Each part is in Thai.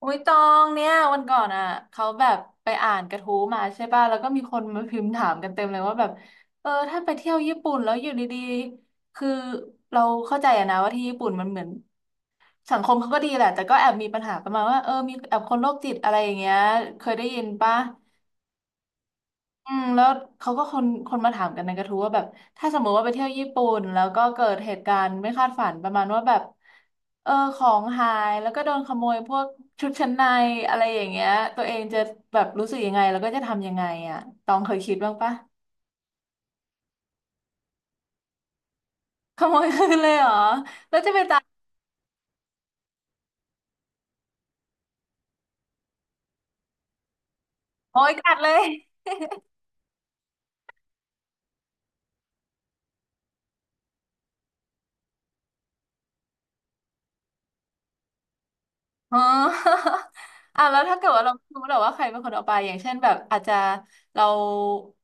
อุ้ยตองเนี่ยวันก่อนอ่ะเขาแบบไปอ่านกระทู้มาใช่ป่ะแล้วก็มีคนมาพิมพ์ถามกันเต็มเลยว่าแบบเออถ้าไปเที่ยวญี่ปุ่นแล้วอยู่ดีๆคือเราเข้าใจอะนะว่าที่ญี่ปุ่นมันเหมือนสังคมเขาก็ดีแหละแต่ก็แอบมีปัญหาประมาณว่าเออมีแอบคนโรคจิตอะไรอย่างเงี้ยเคยได้ยินป่ะ อืมแล้วเขาก็คนมาถามกันในกระทู้ว่าแบบถ้าสมมติว่าไปเที่ยวญี่ปุ่นแล้วก็เกิดเหตุการณ์ไม่คาดฝันประมาณว่าแบบเออของหายแล้วก็โดนขโมยพวกชุดชั้นในอะไรอย่างเงี้ยตัวเองจะแบบรู้สึกยังไงแล้วก็จะทำยังไงอ่ะตองเคยคิดบ้างปะขโมยคืนเลยเหรอแล้วจะเป็นโอ้ยกัดเลย อ๋อ อ่ะแล้วถ้าเกิดว่าเราไม่รู้แล้วว่าใครเป็นคนเอาไปอย่างเช่นแบบอาจจะเรา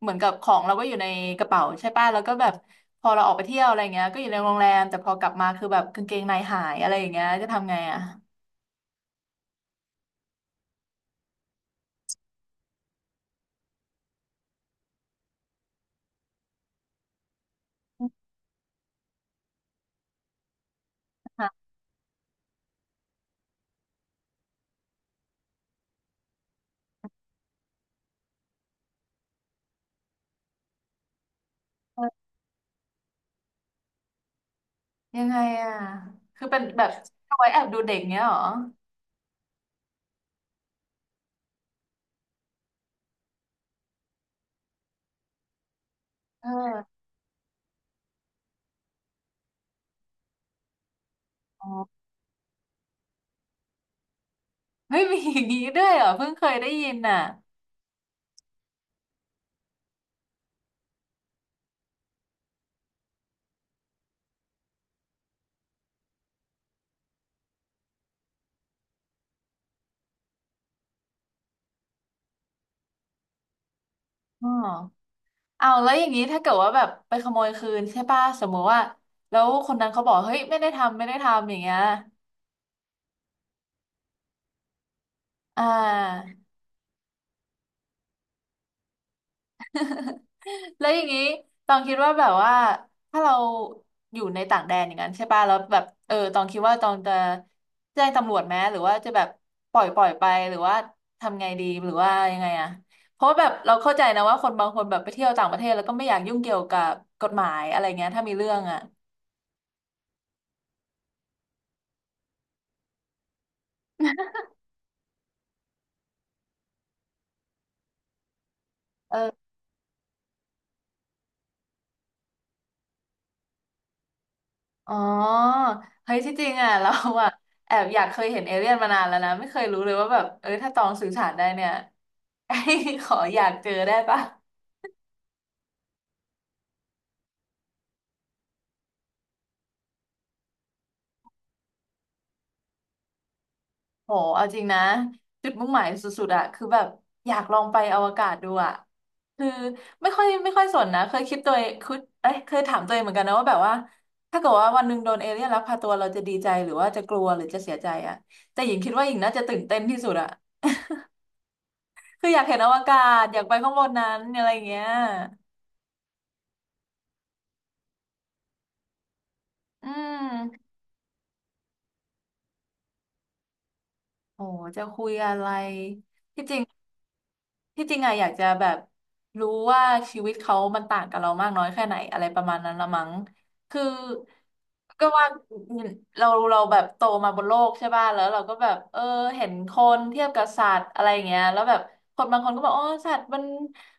เหมือนกับของเราก็อยู่ในกระเป๋าใช่ป่ะแล้วก็แบบพอเราออกไปเที่ยวอะไรเงี้ยก็อยู่ในโรงแรมแต่พอกลับมาคือแบบกางเกงในหายอะไรอย่างเงี้ยจะทำไงอ่ะหาเออยังไงอ่ะคือเป็นแบบเอาไว้แอบดูเด็กเงี้ยเหรอเอออ๋อเฮ้ยมีอย่างงี้ด้วยเหรอเพิ่งเคยได้ยินน่ะอ๋อ เอาวแล้วอย่างนี้ถ้าเกิดว่าแบบไปขโมยคืนใช่ป่ะสมมุติว่าแล้วคนนั้นเขาบอกเฮ้ยไม่ได้ทำไม่ได้ทำอย่างเงี้ยอ่าแล้วอย่างนี้ตองคิดว่าแบบว่าถ้าเราอยู่ในต่างแดนอย่างนั้นใช่ป่ะแล้วแบบเออตองคิดว่าตองจะแจ้งตำรวจไหมหรือว่าจะแบบปล่อยไปหรือว่าทำไงดีหรือว่ายังไงอะเพราะว่าแบบเราเข้าใจนะว่าคนบางคนแบบไปเที่ยวต่างประเทศแล้วก็ไม่อยากยุ่งเกี่ยวกับกฎหมายอะไรเงี้ยถ้ามีเรื่องอะเออ อ๋อเฮ้ยที่จริงอ่ะ เราอ่ะแอบอยากเคยเห็นเอเลี่ยนมานานแล้วนะไม่เคยรู้เลยว่าแบบเอ้ถ้าตองสื่อสารได้เนี่ย ขออยากเจอได้ปะโหเอาจริงนะจุดมุ่งหมายสุดๆอ่ะคือแบบอยากลองไปอวกาศดูอ่ะคือไม่ค่อยสนนะเคยคิดตัวเองคิดเอ้ยเคยถามตัวเองเหมือนกันนะว่าแบบว่าถ้าเกิดว่าวันหนึ่งโดนเอเลี่ยนลักพาตัวเราจะดีใจหรือว่าจะกลัวหรือจะเสียใจอ่ะแต่หญิงคิดว่าหญิงน่าจะตื่นเต้นที่สุดอ่ะคืออยากเห็นอวกาศอยากไปข้างบนนั้นอะไรอย่างเงี้ย อืมโอ้จะคุยอะไรที่จริงที่จริงอะอยากจะแบบรู้ว่าชีวิตเขามันต่างกับเรามากน้อยแค่ไหนอะไรประมาณนั้นละมั้งคือก็ว่าเราแบบโตมาบนโลกใช่ป่ะแล้วเราก็แบบเออเห็นคนเทียบกับสัตว์อะไรอย่างเงี้ยแล้วแบบคนบางคนก็บอกอ๋อสัตว์มัน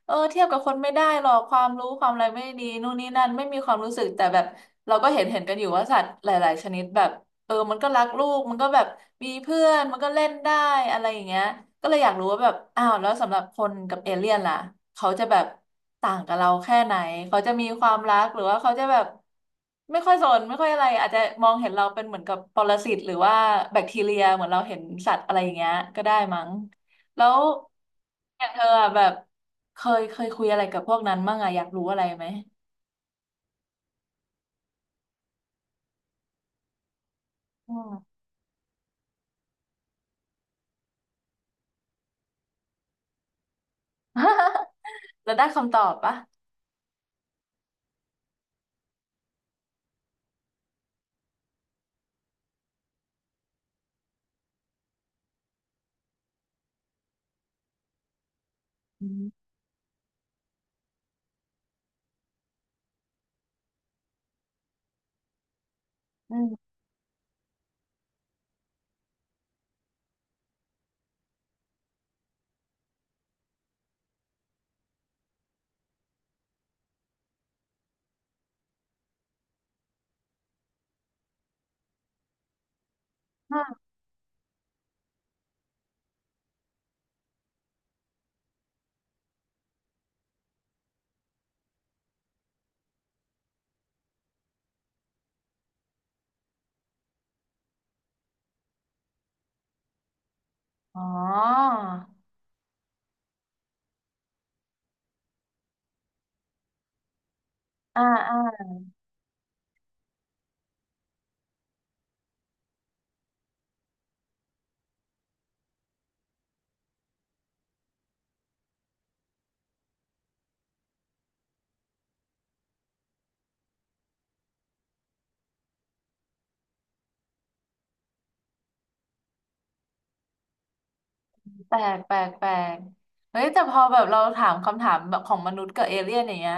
เออเทียบกับคนไม่ได้หรอกความรู้ความอะไรไม่ดีนู่นนี่นั่นไม่มีความรู้สึกแต่แบบเราก็เห็นกันอยู่ว่าสัตว์หลายๆชนิดแบบ เออมันก็รักลูกมันก็แบบมีเพื่อนมันก็เล่นได้อะไรอย่างเงี้ยก็เลยอยากรู้ว่าแบบอ้าวแล้วสำหรับคนกับเอเลี่ยนล่ะเขาจะแบบต่างกับเราแค่ไหนเขาจะมีความรักหรือว่าเขาจะแบบไม่ค่อยสนไม่ค่อยอะไรอาจจะมองเห็นเราเป็นเหมือนกับปรสิตหรือว่าแบคทีเรียเหมือนเราเห็นสัตว์อะไรอย่างเงี้ยก็ได้มั้งแล้วอย่างเธออะแบบเคยคุยอะไรกับพวกนั้นบ้างอะอยากรู้อะไรไหมอืม แล้วได้คำตอบปะอืมอืม อ๋ออ่าอ่าแปลก แปลก แปลกเฮ้ยแต่พอแบบเราถามคำถามแบบของมนุษย์กับเอเลี่ยนอย่างเงี้ย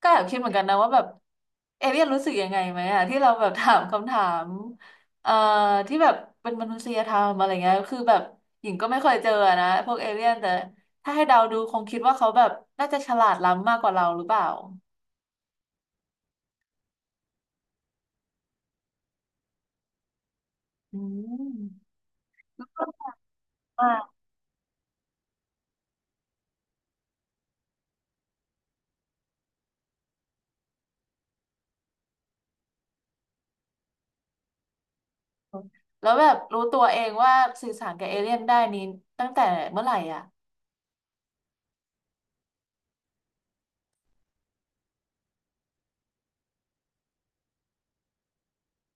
ก็แอบคิดเหมือนกันนะว่าแบบเอเลี่ยนรู้สึกยังไงไหมอะที่เราแบบถามคำถามเอ่อที่แบบเป็นมนุษยธรรมอะไรเงี้ย คือแบบหญิงก็ไม่เคยเจอนะพวกเอเลี่ยนแต่ถ้าให้เดาดูคงคิดว่าเขาแบบน่าจะฉลาดล้ำมากกว่าเราหรือเปล่า อืมมากแล้วแบบรู้ตัวเองว่าสื่อสารกับเอเลี่ยนได้นี้ตั้งแต่เมื่อไหร่อ่ะ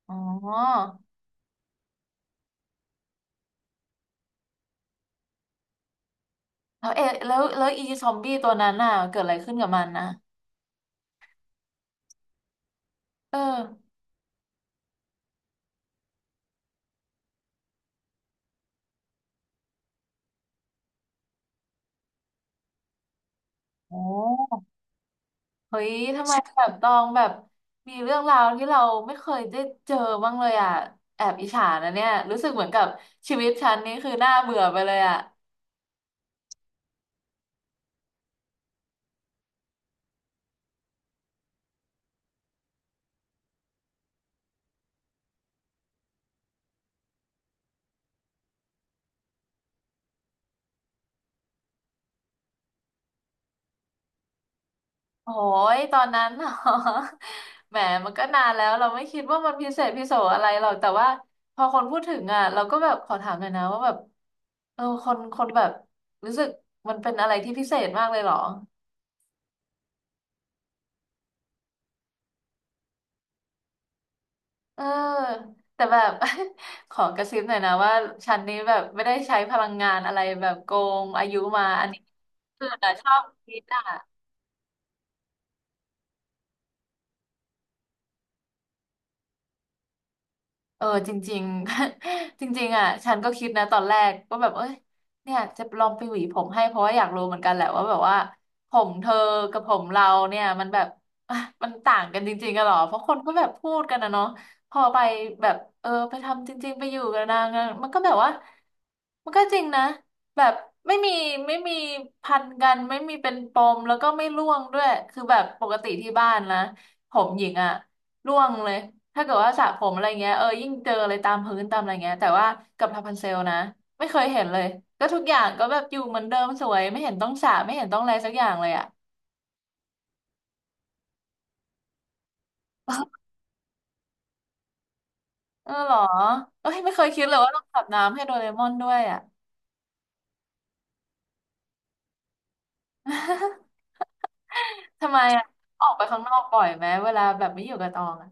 อ๋อแล้วเอะแล้วแล้วอีซอมบี้ตัวนั้นน่ะเกิดอะไรขึ้นกับมันนะเออโอ้เฮ้ยทำไมแบบตองแบบมีเรื่องราวที่เราไม่เคยได้เจอบ้างเลยอ่ะแอบอิจฉานะเนี่ยรู้สึกเหมือนกับชีวิตฉันนี่คือน่าเบื่อไปเลยอ่ะโอ้ยตอนนั้น เหรอ แหมมันก็นานแล้วเราไม่คิดว่ามันพิเศษพิโสอะไรหรอกแต่ว่าพอคนพูดถึงอ่ะเราก็แบบขอถามหน่อยนะว่าแบบเออคนแบบรู้สึกมันเป็นอะไรที่พิเศษมากเลยเหรอ เออแต่แบบ ขอกระซิบหน่อยนะว่าฉันนี้แบบไม่ได้ใช้พลังงานอะไรแบบโกงอายุมาอันนี้คือนะชอบคิดอ่ะ เออจริงๆ จริงๆอ่ะฉันก็คิดนะตอนแรกว่าแบบเอ้ยเนี่ยจะลองไปหวีผมให้เพราะว่าอยากรู้เหมือนกันแหละว่าแบบว่าผมเธอกับผมเราเนี่ยมันแบบ อ่ะมันต่างกันจริงๆกันหรอเพราะคนก็แบบพูดกันนะเนาะพอไปแบบเออไปทำจริงๆไปอยู่กับนางอะมันก็แบบว่ามันก็จริงนะแบบไม่มีไม่มีพันกันไม่มีเป็นปมแล้วก็ไม่ร่วงด้วยคือแบบปกติที่บ้านนะผมหญิงอ่ะ ร่วงเลยถ้าเกิดว่าสระผมอะไรเงี้ยเออยิ่งเจออะไรตามพื้นตามอะไรเงี้ยแต่ว่ากับทาพันเซลนะไม่เคยเห็นเลยก็ทุกอย่างก็แบบอยู่เหมือนเดิมสวยไม่เห็นต้องสระไม่เห็นต้องอะไรสักอย่างเลยอ่ะเออเหรอเอ้ยไม่เคยคิดเลยว่าต้องอาบน้ำให้โดเรมอนด้วยอ่ะ ทำไมอ่ะออกไปข้างนอกบ่อยไหมเวลาแบบไม่อยู่กับตองอ่ะ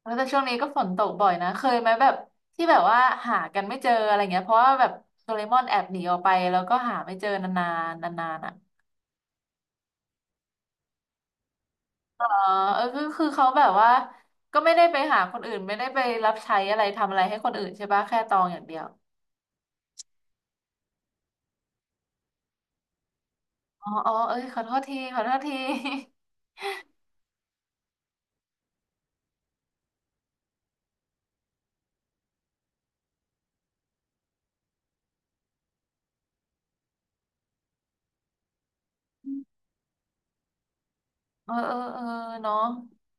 เออแต่ช่วงนี้ก็ฝนตกบ่อยนะเคยไหมแบบที่แบบว่าหากันไม่เจออะไรเงี้ยเพราะว่าแบบโดเรมอนแอบหนีออกไปแล้วก็หาไม่เจอนานๆนานๆอ่ะ อ๋อเออก็คือเขาแบบว่าก็ไม่ได้ไปหาคนอื่นไม่ได้ไปรับใช้อะไรทำอะไรให้คนอื่นใช่ปะแค่ตองอย่างเดียวอ๋ออ๋อเอ้ยขอโทษทีขอโทษทีเออเออเออเนาะ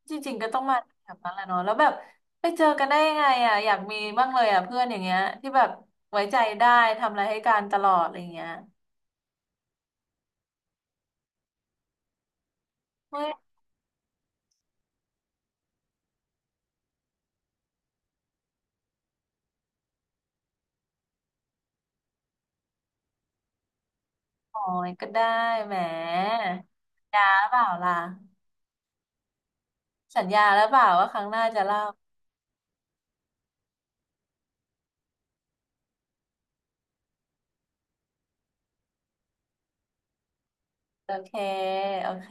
จริงๆก็ต้องมาแบบนั้นแหละเนาะแล้วแบบไปเจอกันได้ยังไงอ่ะอยากมีบ้างเลยอ่ะเพื่อนอย่างเงี้ยที่แบบไว้ใจได้ทำอะไรให้กันตลอดอะไรอย่างเงี้ยเฮ้ยโอ้ยก็ได้แหมยาเปล่าล่ะสัญญาแล้วเปล่าว่าครั้งหน้าจะเล่าโอเคโอเค